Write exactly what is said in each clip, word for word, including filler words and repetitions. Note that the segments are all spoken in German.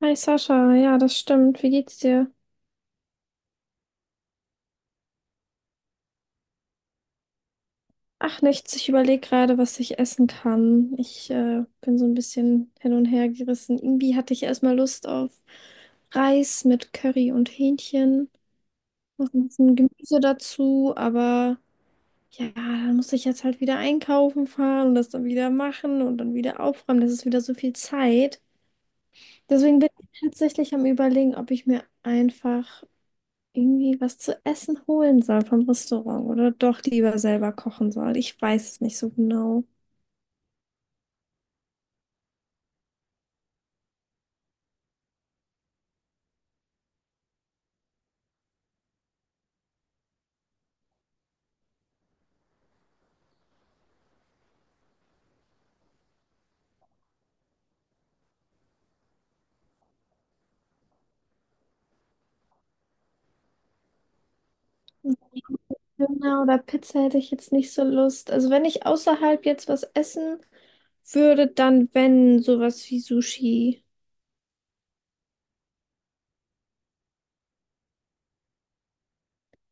Hi Sascha, ja, das stimmt. Wie geht's dir? Ach, nichts. Ich überlege gerade, was ich essen kann. Ich äh, bin so ein bisschen hin und her gerissen. Irgendwie hatte ich erstmal Lust auf Reis mit Curry und Hähnchen. Noch ein bisschen Gemüse dazu, aber ja, dann muss ich jetzt halt wieder einkaufen fahren und das dann wieder machen und dann wieder aufräumen. Das ist wieder so viel Zeit. Deswegen bin ich tatsächlich am Überlegen, ob ich mir einfach irgendwie was zu essen holen soll vom Restaurant oder doch lieber selber kochen soll. Ich weiß es nicht so genau. Döner oder Pizza hätte ich jetzt nicht so Lust. Also wenn ich außerhalb jetzt was essen würde, dann wenn sowas wie Sushi.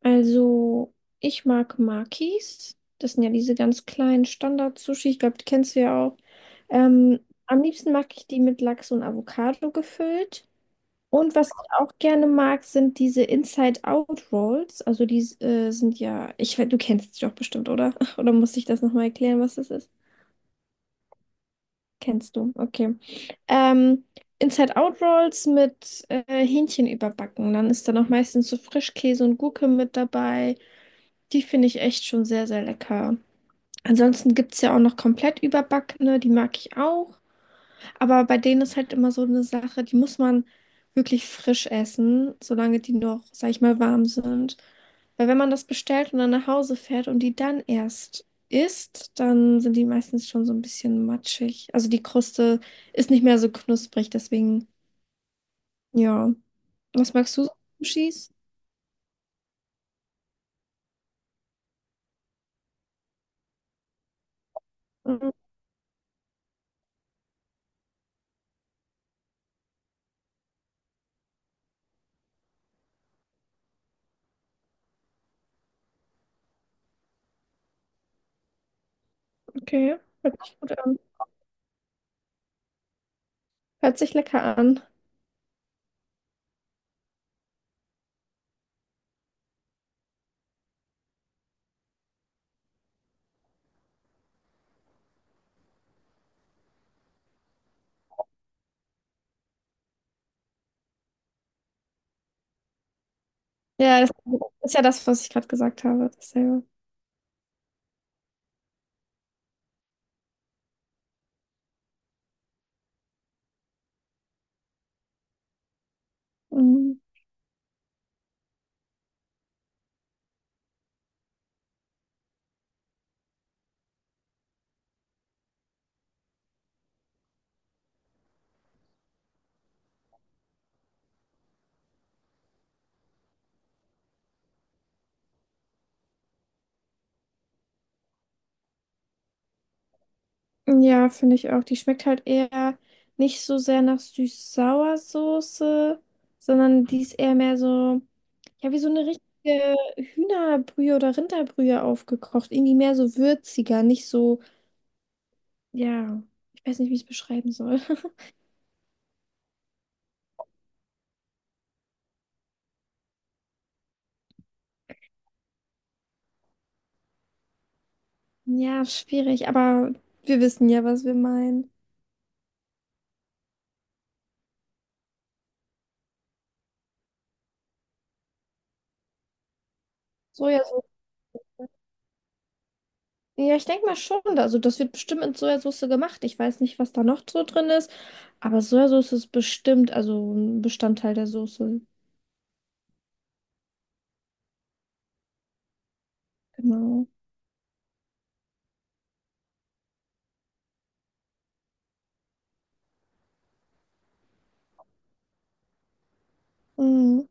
Also ich mag Makis. Das sind ja diese ganz kleinen Standard-Sushi. Ich glaube, die kennst du ja auch. Ähm, Am liebsten mag ich die mit Lachs und Avocado gefüllt. Und was ich auch gerne mag, sind diese Inside-Out-Rolls. Also die äh, sind ja, ich, weiß, du kennst sie doch bestimmt, oder? Oder muss ich das nochmal erklären, was das ist? Kennst du, okay. Ähm, Inside-Out-Rolls mit äh, Hähnchen überbacken. Dann ist da noch meistens so Frischkäse und Gurke mit dabei. Die finde ich echt schon sehr, sehr lecker. Ansonsten gibt es ja auch noch komplett überbackene, die mag ich auch. Aber bei denen ist halt immer so eine Sache, die muss man wirklich frisch essen, solange die noch, sag ich mal, warm sind. Weil wenn man das bestellt und dann nach Hause fährt und die dann erst isst, dann sind die meistens schon so ein bisschen matschig. Also die Kruste ist nicht mehr so knusprig, deswegen, ja. Was magst du so an Sushis? Mm, Okay, hört sich gut an. Hört sich lecker an. Ja, das ist ja das, was ich gerade gesagt habe, dasselbe. Mhm. Ja, finde ich auch. Die schmeckt halt eher nicht so sehr nach Süß-Sauer-Soße, sondern die ist eher mehr so, ja, wie so eine richtige Hühnerbrühe oder Rinderbrühe aufgekocht. Irgendwie mehr so würziger, nicht so, ja, ich weiß nicht, wie ich es beschreiben soll. Ja, schwierig, aber wir wissen ja, was wir meinen. Sojasauce. Ja, ich denke mal schon. Also, das wird bestimmt mit Sojasauce gemacht. Ich weiß nicht, was da noch so drin ist, aber Sojasauce ist bestimmt, also ein Bestandteil der Soße. Genau. Mhm.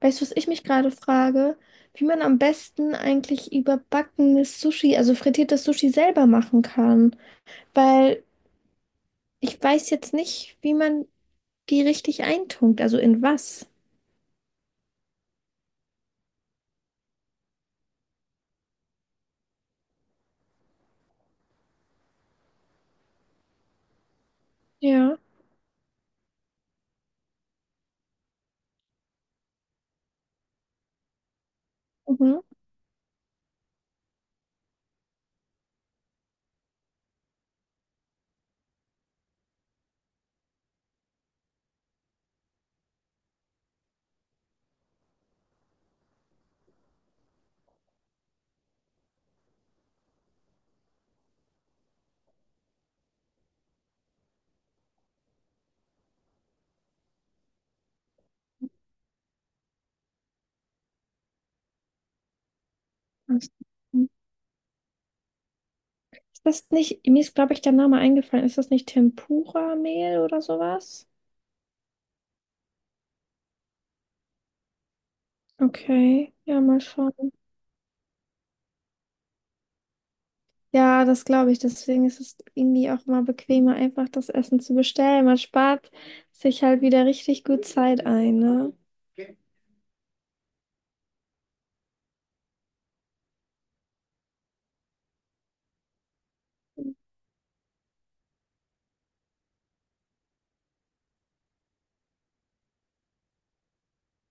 Weißt du, was ich mich gerade frage? Wie man am besten eigentlich überbackenes Sushi, also frittiertes Sushi selber machen kann. Weil ich weiß jetzt nicht, wie man die richtig eintunkt, also in was. Ja. Mhm. Ist das nicht, mir ist, glaube ich, der Name eingefallen. Ist das nicht Tempura-Mehl oder sowas? Okay, ja, mal schauen. Ja, das glaube ich. Deswegen ist es irgendwie auch mal bequemer, einfach das Essen zu bestellen. Man spart sich halt wieder richtig gut Zeit ein, ne?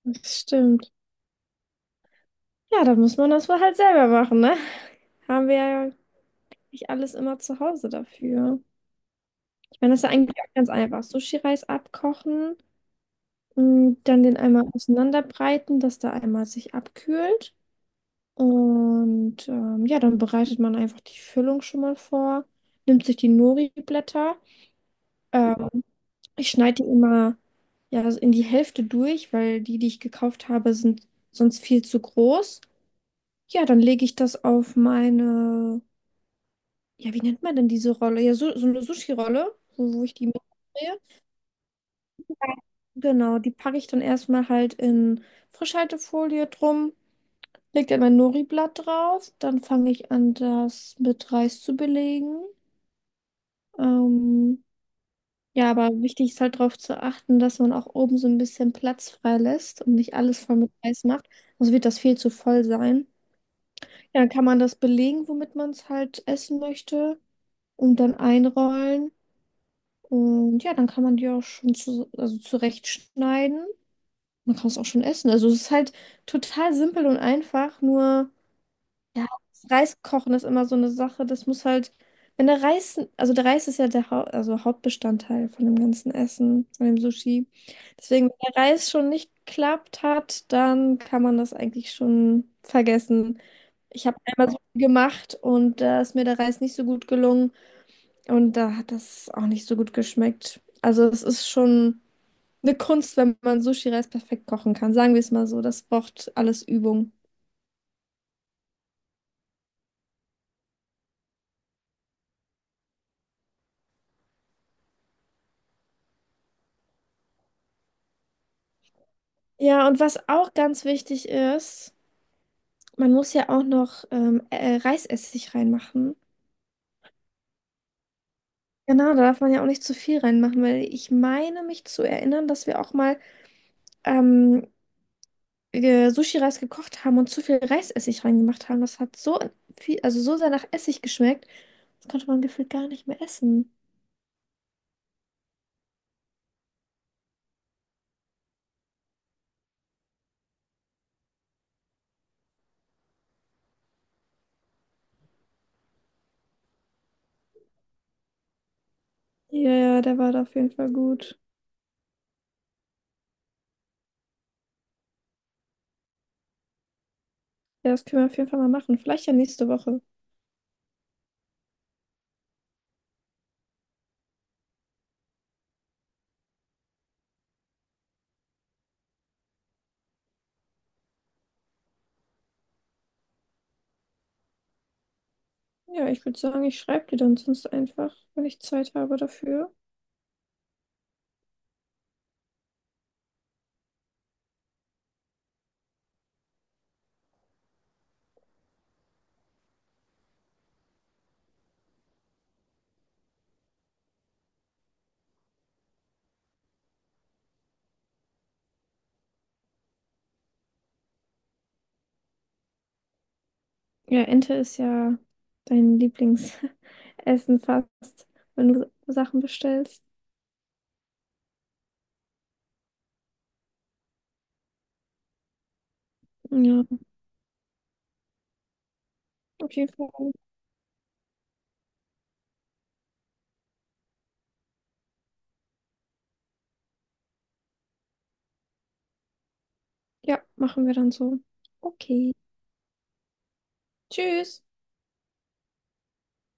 Das stimmt. Ja, dann muss man das wohl halt selber machen, ne? Haben wir ja nicht alles immer zu Hause dafür. Ich meine, das ist ja eigentlich auch ganz einfach. Sushi-Reis abkochen, mh, dann den einmal auseinanderbreiten, dass da einmal sich abkühlt. Und ähm, ja, dann bereitet man einfach die Füllung schon mal vor, nimmt sich die Nori-Blätter. Ähm, Ich schneide die immer ja, so in die Hälfte durch, weil die, die ich gekauft habe, sind sonst viel zu groß. Ja, dann lege ich das auf meine, ja, wie nennt man denn diese Rolle? Ja, so, so eine Sushi-Rolle, wo, wo ich die mitdrehe. Genau, die packe ich dann erstmal halt in Frischhaltefolie drum, lege dann mein Nori-Blatt drauf, dann fange ich an, das mit Reis zu belegen. Ähm, Ja, aber wichtig ist halt darauf zu achten, dass man auch oben so ein bisschen Platz frei lässt und nicht alles voll mit Reis macht. Sonst wird das viel zu voll sein. Ja, dann kann man das belegen, womit man es halt essen möchte und dann einrollen. Und ja, dann kann man die auch schon zu, also zurechtschneiden. Man kann es auch schon essen. Also es ist halt total simpel und einfach, nur. Ja, das Reiskochen ist immer so eine Sache. Das muss halt, wenn der Reis, also der Reis ist ja der Hau, also Hauptbestandteil von dem ganzen Essen, von dem Sushi. Deswegen, wenn der Reis schon nicht geklappt hat, dann kann man das eigentlich schon vergessen. Ich habe einmal so gemacht und da ist mir der Reis nicht so gut gelungen und da hat das auch nicht so gut geschmeckt. Also es ist schon eine Kunst, wenn man Sushi-Reis perfekt kochen kann. Sagen wir es mal so, das braucht alles Übung. Ja, und was auch ganz wichtig ist, man muss ja auch noch ähm, äh, Reisessig reinmachen. Genau, da darf man ja auch nicht zu viel reinmachen, weil ich meine mich zu erinnern, dass wir auch mal ähm, äh, Sushi-Reis gekocht haben und zu viel Reisessig reingemacht haben. Das hat so viel, also so sehr nach Essig geschmeckt. Das konnte man gefühlt gar nicht mehr essen. Ja, ja, der war da auf jeden Fall gut. Ja, das können wir auf jeden Fall mal machen. Vielleicht ja nächste Woche. Ja, ich würde sagen, ich schreibe dir dann sonst einfach, wenn ich Zeit habe dafür. Ja, Ente ist ja dein Lieblingsessen fast, wenn du Sachen bestellst. Ja, auf jeden Fall. Ja, machen wir dann so. Okay. Tschüss.